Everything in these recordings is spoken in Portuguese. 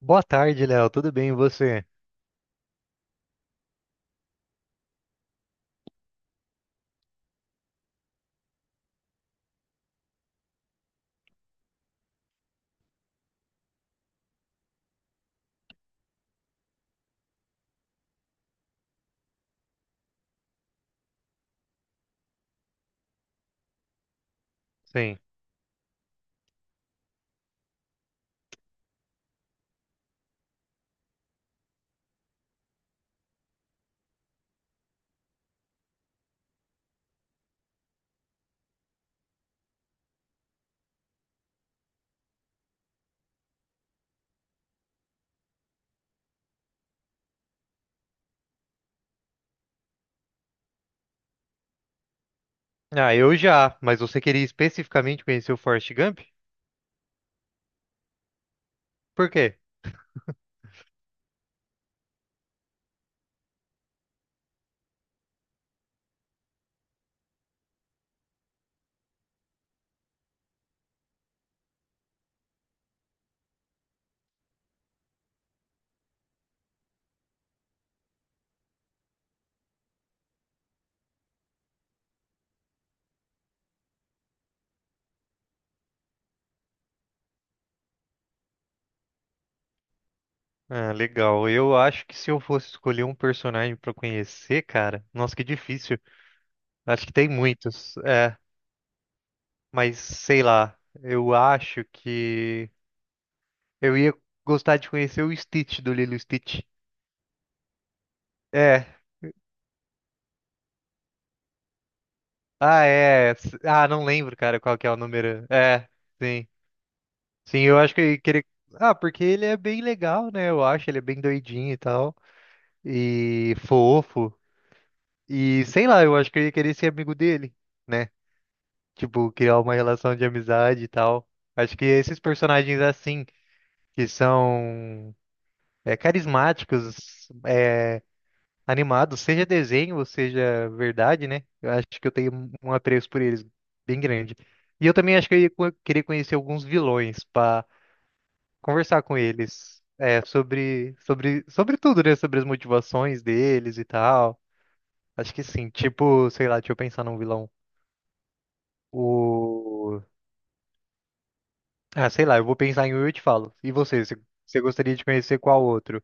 Boa tarde, Léo. Tudo bem, e você? Sim. Ah, eu já, mas você queria especificamente conhecer o Forrest Gump? Por quê? Ah, legal. Eu acho que se eu fosse escolher um personagem pra conhecer, cara, nossa, que difícil. Acho que tem muitos. É, mas sei lá. Eu acho que eu ia gostar de conhecer o Stitch do Lilo e Stitch. É. Ah, é. Ah, não lembro, cara, qual que é o número. É, sim. Sim, eu acho que ele. Ah, porque ele é bem legal, né? Eu acho, ele é bem doidinho e tal. E fofo. E sei lá, eu acho que eu ia querer ser amigo dele, né? Tipo, criar uma relação de amizade e tal. Acho que esses personagens assim, que são carismáticos, animados, seja desenho ou seja verdade, né? Eu acho que eu tenho um apreço por eles bem grande. E eu também acho que eu ia querer conhecer alguns vilões, pá. Conversar com eles é, sobre tudo, né? Sobre as motivações deles e tal. Acho que sim. Tipo, sei lá, deixa eu pensar num vilão. O. Ah, sei lá, eu vou pensar em um e eu te falo. E você? Você gostaria de conhecer qual outro?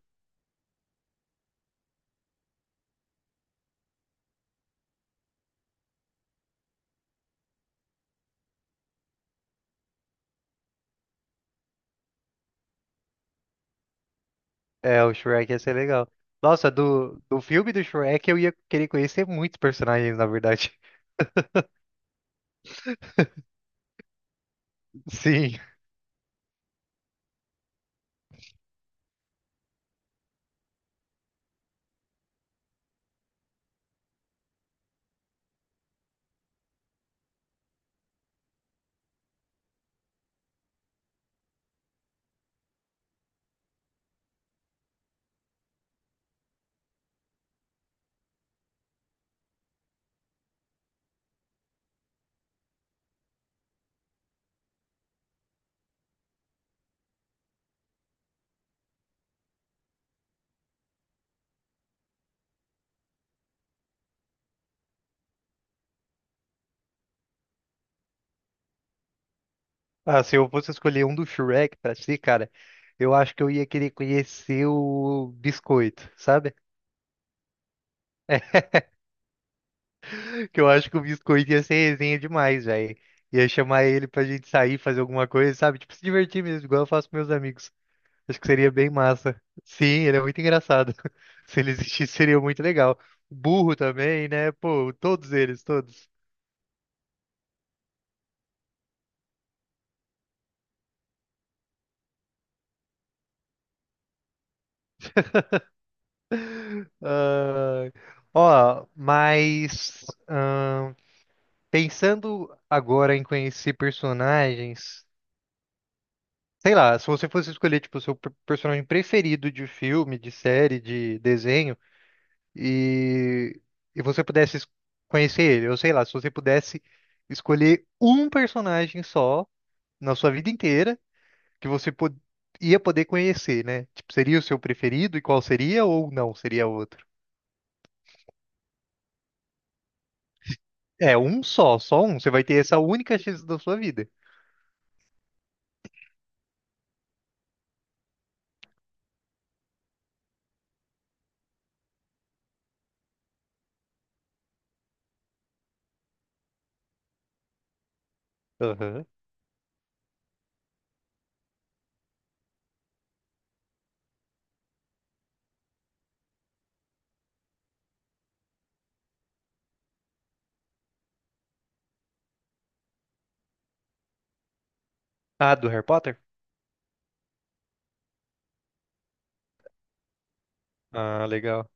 É, o Shrek ia ser legal. Nossa, do filme do Shrek eu ia querer conhecer muitos personagens, na verdade. Sim. Ah, se eu fosse escolher um do Shrek pra si, cara, eu acho que eu ia querer conhecer o Biscoito, sabe? Que eu acho que o Biscoito ia ser resenha demais, velho. Ia chamar ele pra gente sair, fazer alguma coisa, sabe? Tipo, se divertir mesmo, igual eu faço com meus amigos. Acho que seria bem massa. Sim, ele é muito engraçado. Se ele existisse, seria muito legal. O Burro também, né? Pô, todos eles, todos. Ah, ó, mas pensando agora em conhecer personagens, sei lá, se você fosse escolher, tipo, o seu personagem preferido de filme, de série, de desenho. E, e você pudesse conhecer ele, ou sei lá, se você pudesse escolher um personagem só na sua vida inteira que você ia poder conhecer, né? Tipo, seria o seu preferido e qual seria ou não seria outro? É, um só, só um. Você vai ter essa única chance da sua vida. Aham. Ah, do Harry Potter? Ah, legal.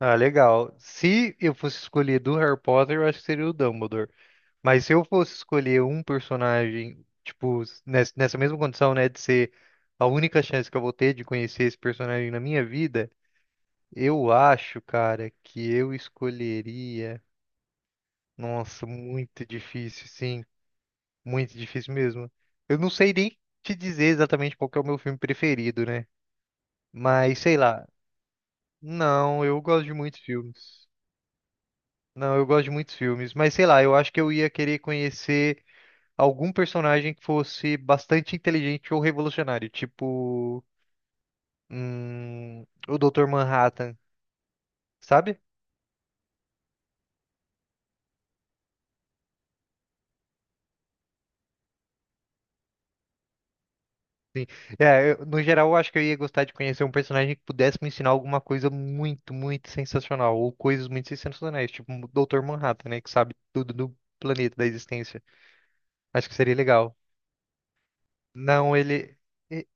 Ah, legal. Se eu fosse escolher do Harry Potter, eu acho que seria o Dumbledore. Mas se eu fosse escolher um personagem, tipo, nessa mesma condição, né, de ser a única chance que eu vou ter de conhecer esse personagem na minha vida, eu acho, cara, que eu escolheria. Nossa, muito difícil, sim. Muito difícil mesmo. Eu não sei nem te dizer exatamente qual que é o meu filme preferido, né? Mas sei lá. Não, eu gosto de muitos filmes. Não, eu gosto de muitos filmes, mas sei lá, eu acho que eu ia querer conhecer algum personagem que fosse bastante inteligente ou revolucionário, tipo, o Dr. Manhattan, sabe? Sim. É, no geral, eu acho que eu ia gostar de conhecer um personagem que pudesse me ensinar alguma coisa muito, muito sensacional, ou coisas muito sensacionais, tipo o Dr. Manhattan, né, que sabe tudo do planeta, da existência. Acho que seria legal. Não, ele e-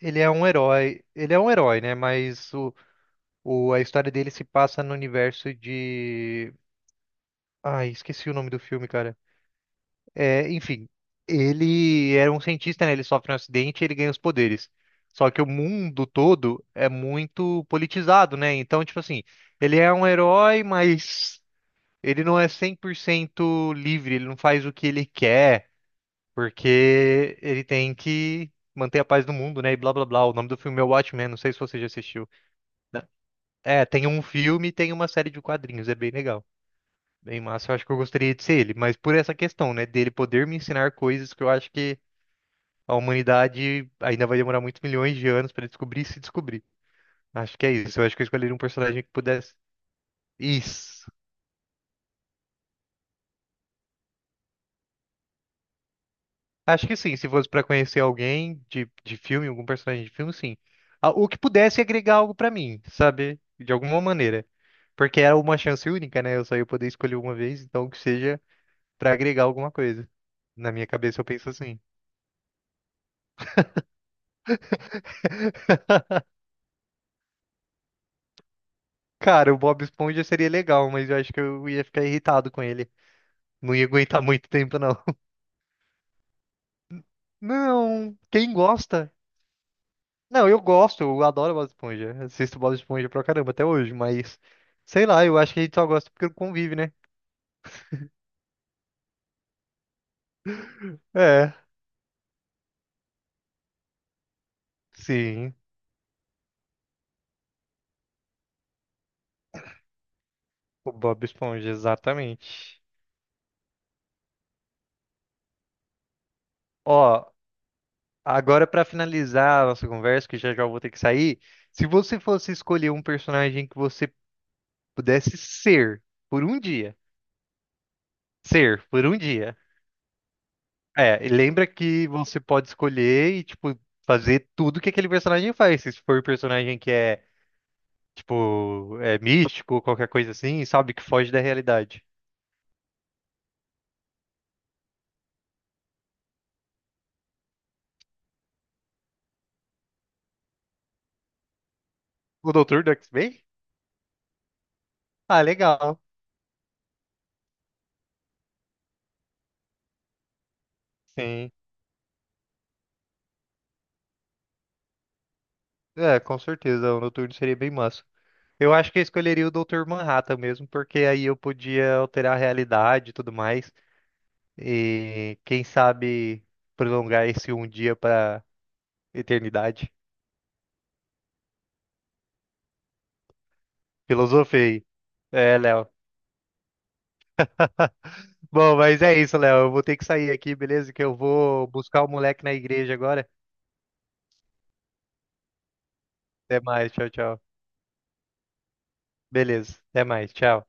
ele é um herói, né? Mas a história dele se passa no universo de. Ai, esqueci o nome do filme, cara. É, enfim, ele era um cientista, né? Ele sofre um acidente e ele ganha os poderes. Só que o mundo todo é muito politizado, né? Então, tipo assim, ele é um herói, mas ele não é 100% livre, ele não faz o que ele quer, porque ele tem que manter a paz do mundo, né? E blá blá blá. O nome do filme é Watchmen, não sei se você já assistiu. Né? É, tem um filme e tem uma série de quadrinhos, é bem legal. Bem massa, eu acho que eu gostaria de ser ele, mas por essa questão, né, dele poder me ensinar coisas que eu acho que a humanidade ainda vai demorar muitos milhões de anos para descobrir e se descobrir. Acho que é isso. Eu acho que eu escolheria um personagem que pudesse. Isso. Acho que sim, se fosse para conhecer alguém de filme, algum personagem de filme, sim. Ah, o que pudesse agregar algo para mim, sabe? De alguma maneira. Porque era uma chance única, né? Eu só ia poder escolher uma vez, então que seja para agregar alguma coisa. Na minha cabeça eu penso assim. Cara, o Bob Esponja seria legal, mas eu acho que eu ia ficar irritado com ele. Não ia aguentar muito tempo, não. Não, quem gosta? Não, eu gosto, eu adoro Bob Esponja. Assisto Bob Esponja pra caramba até hoje, mas sei lá, eu acho que a gente só gosta porque convive, né? É, sim, o Bob Esponja, exatamente. Ó, agora pra finalizar a nossa conversa, que já já eu vou ter que sair, se você fosse escolher um personagem que você pudesse ser por um dia, ser por um dia. É, e lembra que você pode escolher e, tipo, fazer tudo que aquele personagem faz. Se for um personagem que é, tipo, é místico, qualquer coisa assim, sabe, que foge da realidade. O doutor do X-Men? Ah, legal. Sim. É, com certeza, o Noturno seria bem massa. Eu acho que eu escolheria o doutor Manhattan mesmo, porque aí eu podia alterar a realidade e tudo mais. E quem sabe prolongar esse um dia pra eternidade. Filosofei. É, Léo. Bom, mas é isso, Léo. Eu vou ter que sair aqui, beleza? Que eu vou buscar o moleque na igreja agora. Até mais, tchau, tchau. Beleza, até mais, tchau.